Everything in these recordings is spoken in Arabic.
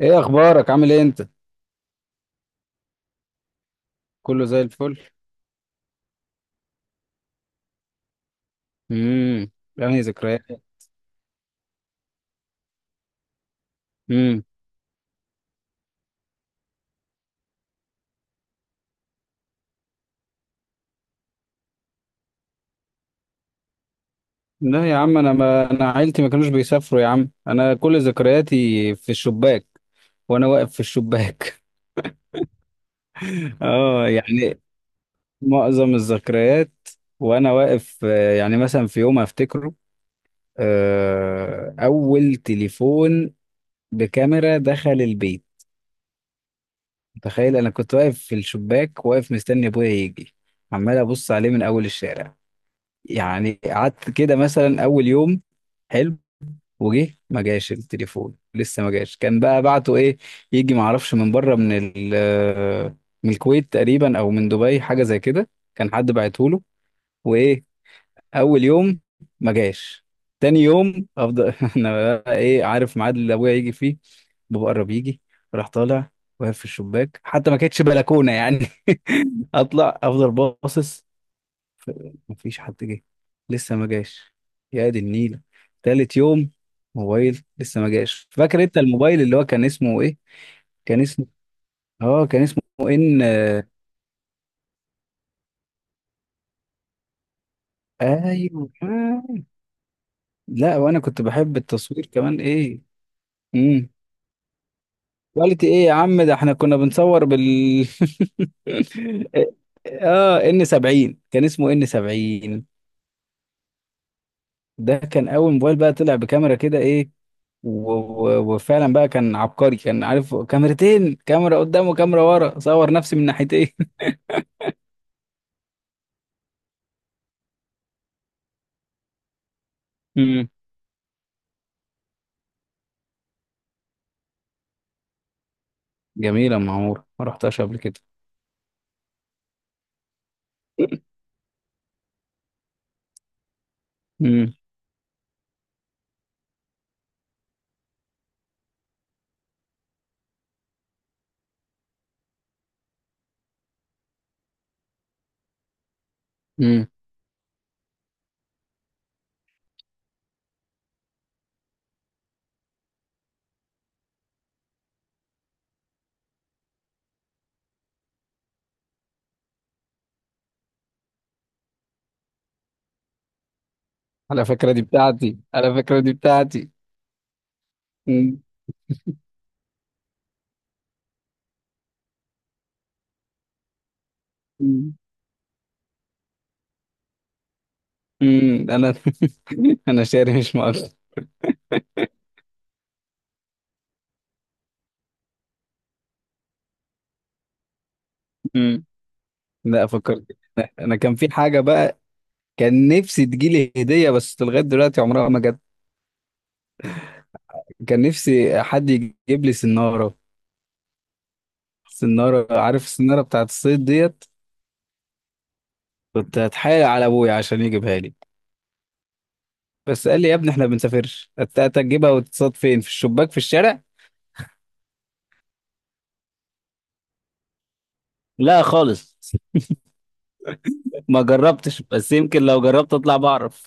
ايه اخبارك؟ عامل ايه انت؟ كله زي الفل. امم يعني ذكريات. امم لا يا عم، انا، ما انا عيلتي ما كانوش بيسافروا يا عم. انا كل ذكرياتي في الشباك، وانا واقف في الشباك. اه يعني معظم الذكريات وانا واقف، يعني مثلا في يوم افتكره، اول تليفون بكاميرا دخل البيت. تخيل، انا كنت واقف في الشباك، واقف مستني ابويا يجي، عمال ابص عليه من اول الشارع. يعني قعدت كده مثلا اول يوم، حلو، وجه ما جاش. التليفون لسه ما جاش. كان بقى بعته ايه، يجي ما اعرفش من بره، من ال من الكويت تقريبا او من دبي، حاجه زي كده. كان حد بعته له. وايه، اول يوم ما جاش. تاني يوم افضل انا بقى، ايه، عارف ميعاد اللي ابويا يجي فيه، بابا قرب يجي، راح طالع واقف في الشباك. حتى ما كانتش بلكونه يعني اطلع افضل باصص. ف- مفيش حد جه، لسه ما جاش. يا دي النيلة. تالت يوم، موبايل لسه ما جاش. فاكر انت الموبايل اللي هو كان اسمه ايه؟ كان اسمه، اه كان اسمه ان، ايوه آه. لا، وانا كنت بحب التصوير كمان، ايه. امم كواليتي ايه يا عم؟ ده احنا كنا بنصور بال اه، ان 70 كان اسمه ان 70. ده كان اول موبايل بقى طلع بكاميرا كده، ايه. و- و- وفعلا بقى كان عبقري. كان عارف، كاميرتين، كاميرا قدام وكاميرا ورا. صور نفسي من ناحيتين. امم جميلة معمورة، ما رحتهاش قبل كده. امم امم على فكرة دي بتاعتي، على فكرة دي بتاعتي. امم امم انا انا شاري مش مؤاخذة. امم لا، فكرت انا، أنا كان في حاجة بقى. كان نفسي تجيلي هدية، بس لغاية دلوقتي عمرها ما جت. كان نفسي حد يجيب لي سنارة، سنارة. عارف السنارة بتاعت الصيد ديت؟ كنت هتحايل على ابويا عشان يجيبها لي، بس قال لي يا ابني احنا ما بنسافرش، هتجيبها وتتصاد فين؟ في الشباك في الشارع؟ لا خالص، ما جربتش، بس يمكن لو جربت اطلع بعرف.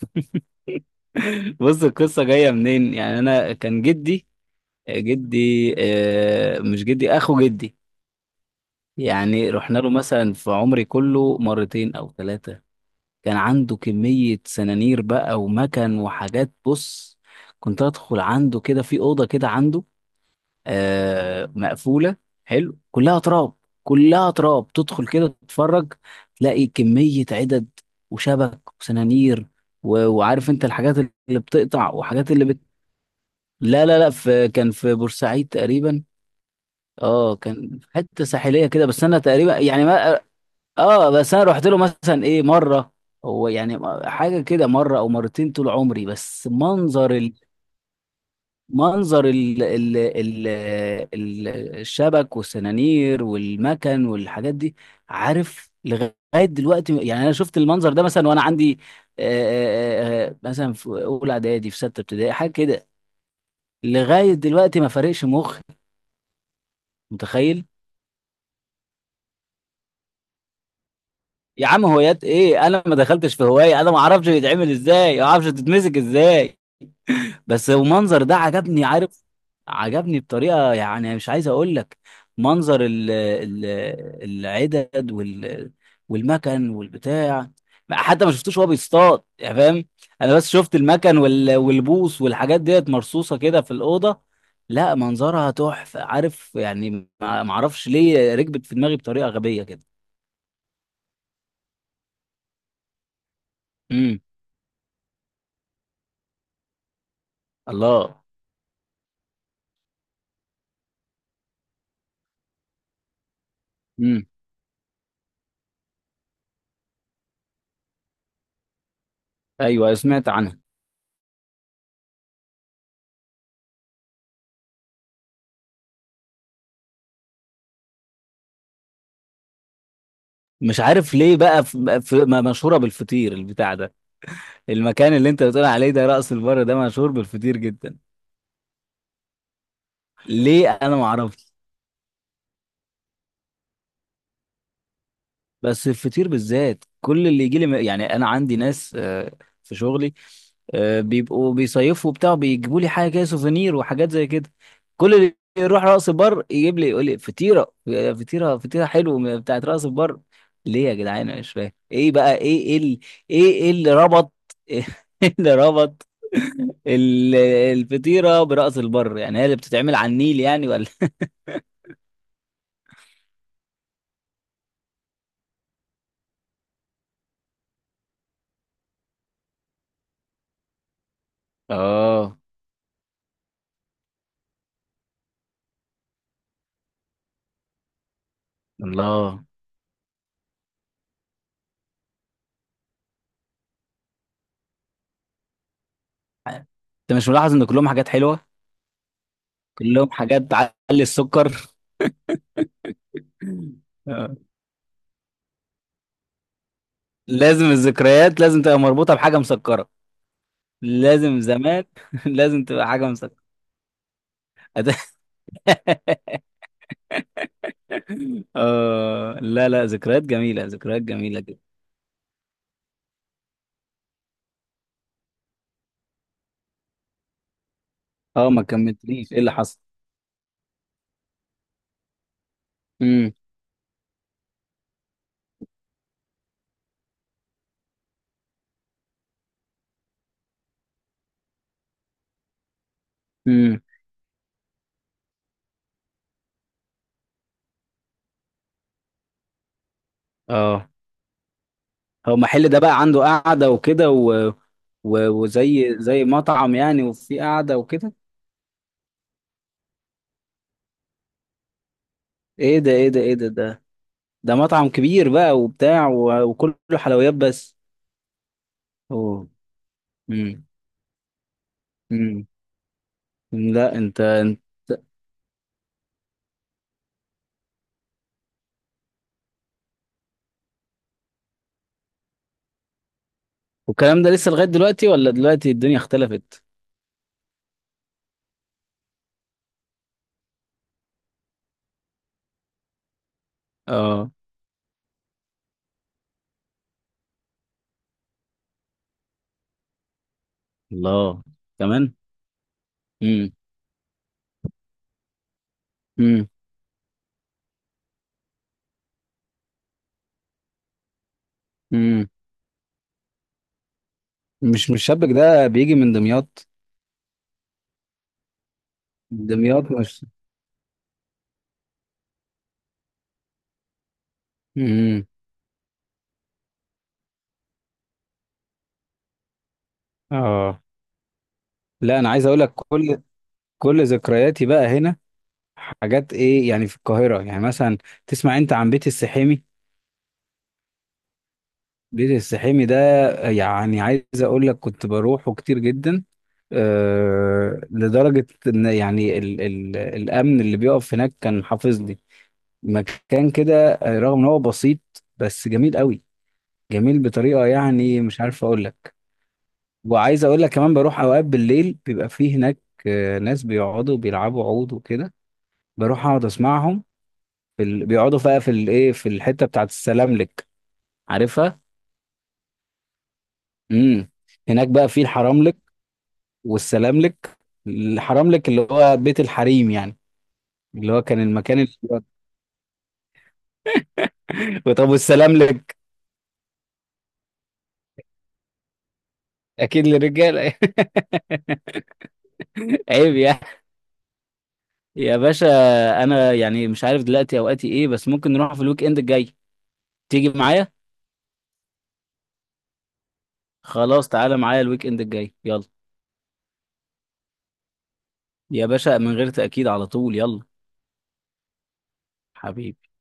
بص، القصه جايه منين؟ يعني انا، كان جدي، جدي، مش جدي، اخو جدي. يعني رحنا له مثلا في عمري كله مرتين او ثلاثه. كان عنده كميه سنانير بقى، ومكن وحاجات. بص، كنت ادخل عنده كده في اوضه كده عنده، مقفوله. حلو. كلها تراب، كلها تراب. تدخل كده تتفرج، تلاقي كميه عدد، وشبك وسنانير، و- وعارف انت الحاجات اللي بتقطع، وحاجات لا، في، كان في بورسعيد تقريبا. اه، كان في حته ساحليه كده. بس انا تقريبا يعني ما، اه، بس انا رحت له مثلا ايه، مره، هو يعني، حاجه كده مره او مرتين طول عمري. بس منظر، منظر ال الشبك والسنانير والمكن والحاجات دي. عارف لغاية دلوقتي يعني؟ أنا شفت المنظر ده مثلا وأنا عندي، مثلا في أولى إعدادي، في ستة ابتدائي، حاجة كده. لغاية دلوقتي ما فارقش مخي، متخيل. يا عم هوايات إيه؟ أنا ما دخلتش في هواية، أنا ما أعرفش بيتعمل إزاي، ما أعرفش تتمسك إزاي. بس المنظر ده عجبني، عارف؟ عجبني بطريقة يعني مش عايز اقول لك. منظر ال العدد وال، والمكن والبتاع. حتى ما شفتوش وهو بيصطاد، يعني فاهم؟ انا بس شفت المكن وال، والبوص والحاجات ديت، مرصوصة كده في الأوضة. لا منظرها تحفة عارف يعني. ما اعرفش ليه ركبت في دماغي بطريقة غبية كده. امم الله. امم ايوه سمعت عنها. مش عارف ليه بقى، مشهورة بالفطير البتاع ده. المكان اللي انت بتقول عليه ده، رأس البر ده مشهور بالفطير جدا، ليه؟ انا ما اعرفش. بس الفطير بالذات، كل اللي يجي لي، يعني انا عندي ناس، في شغلي، بيبقوا بيصيفوا وبتاع، بيجيبوا لي حاجه كده، سوفينير وحاجات زي كده. كل اللي يروح راس البر يجيب لي، يقول لي فطيره، فطيره حلوه بتاعت راس البر. ليه يا جدعان؟ انا مش فاهم ايه بقى، ايه إيه اللي ربط ايه اللي ربط ال- الفطيره براس البر؟ يعني هي اللي بتتعمل على النيل يعني، ولا؟ اه. الله. انت مش ملاحظ ان كلهم حاجات حلوه؟ كلهم حاجات تعلي السكر. آه. لازم الذكريات لازم تبقى مربوطة بحاجة مسكرة. لازم زمان. لازم تبقى حاجة مسكرة. آه لا لا، ذكريات جميلة، ذكريات جميلة جدا. اه، ما كملتليش، ايه اللي حصل؟ امم امم اه، هو محل ده بقى عنده قعدة وكده، و... و... وزي، زي مطعم يعني، وفي قعدة وكده. ايه ده ده ده مطعم كبير بقى وبتاع، و... وكله حلويات بس. اوه. امم لا، انت والكلام ده لسه لغاية دلوقتي، ولا دلوقتي الدنيا اختلفت؟ اه، الله، كمان. امم امم امم مش شابك ده بيجي من دمياط؟ دمياط مش، امم اه. لا انا عايز اقول لك، كل ذكرياتي بقى هنا حاجات ايه؟ يعني في القاهرة يعني مثلا، تسمع انت عن بيت السحيمي؟ بيت السحيمي ده، يعني عايز اقول لك كنت بروحه كتير جدا. أه لدرجة ان يعني ال الامن اللي بيقف هناك كان حافظ لي مكان كده، رغم ان هو بسيط، بس جميل قوي. جميل بطريقة يعني مش عارف اقول لك. وعايز اقول لك كمان، بروح اوقات بالليل، بيبقى فيه هناك، ناس بيقعدوا بيلعبوا عود وكده. بروح اقعد اسمعهم. بيقعدوا بقى في الايه، في الحتة بتاعت السلاملك، عارفها؟ امم هناك بقى في الحراملك والسلام لك. الحرام لك اللي هو بيت الحريم يعني، اللي هو كان المكان اللي... طب والسلام لك؟ اكيد للرجاله. عيب يعني. يا باشا انا يعني مش عارف دلوقتي اوقاتي ايه، بس ممكن نروح في الويك اند الجاي، تيجي معايا؟ خلاص، تعالى معايا الويك اند الجاي يلا. يا باشا، من غير تأكيد، على طول يلا. حبيبي.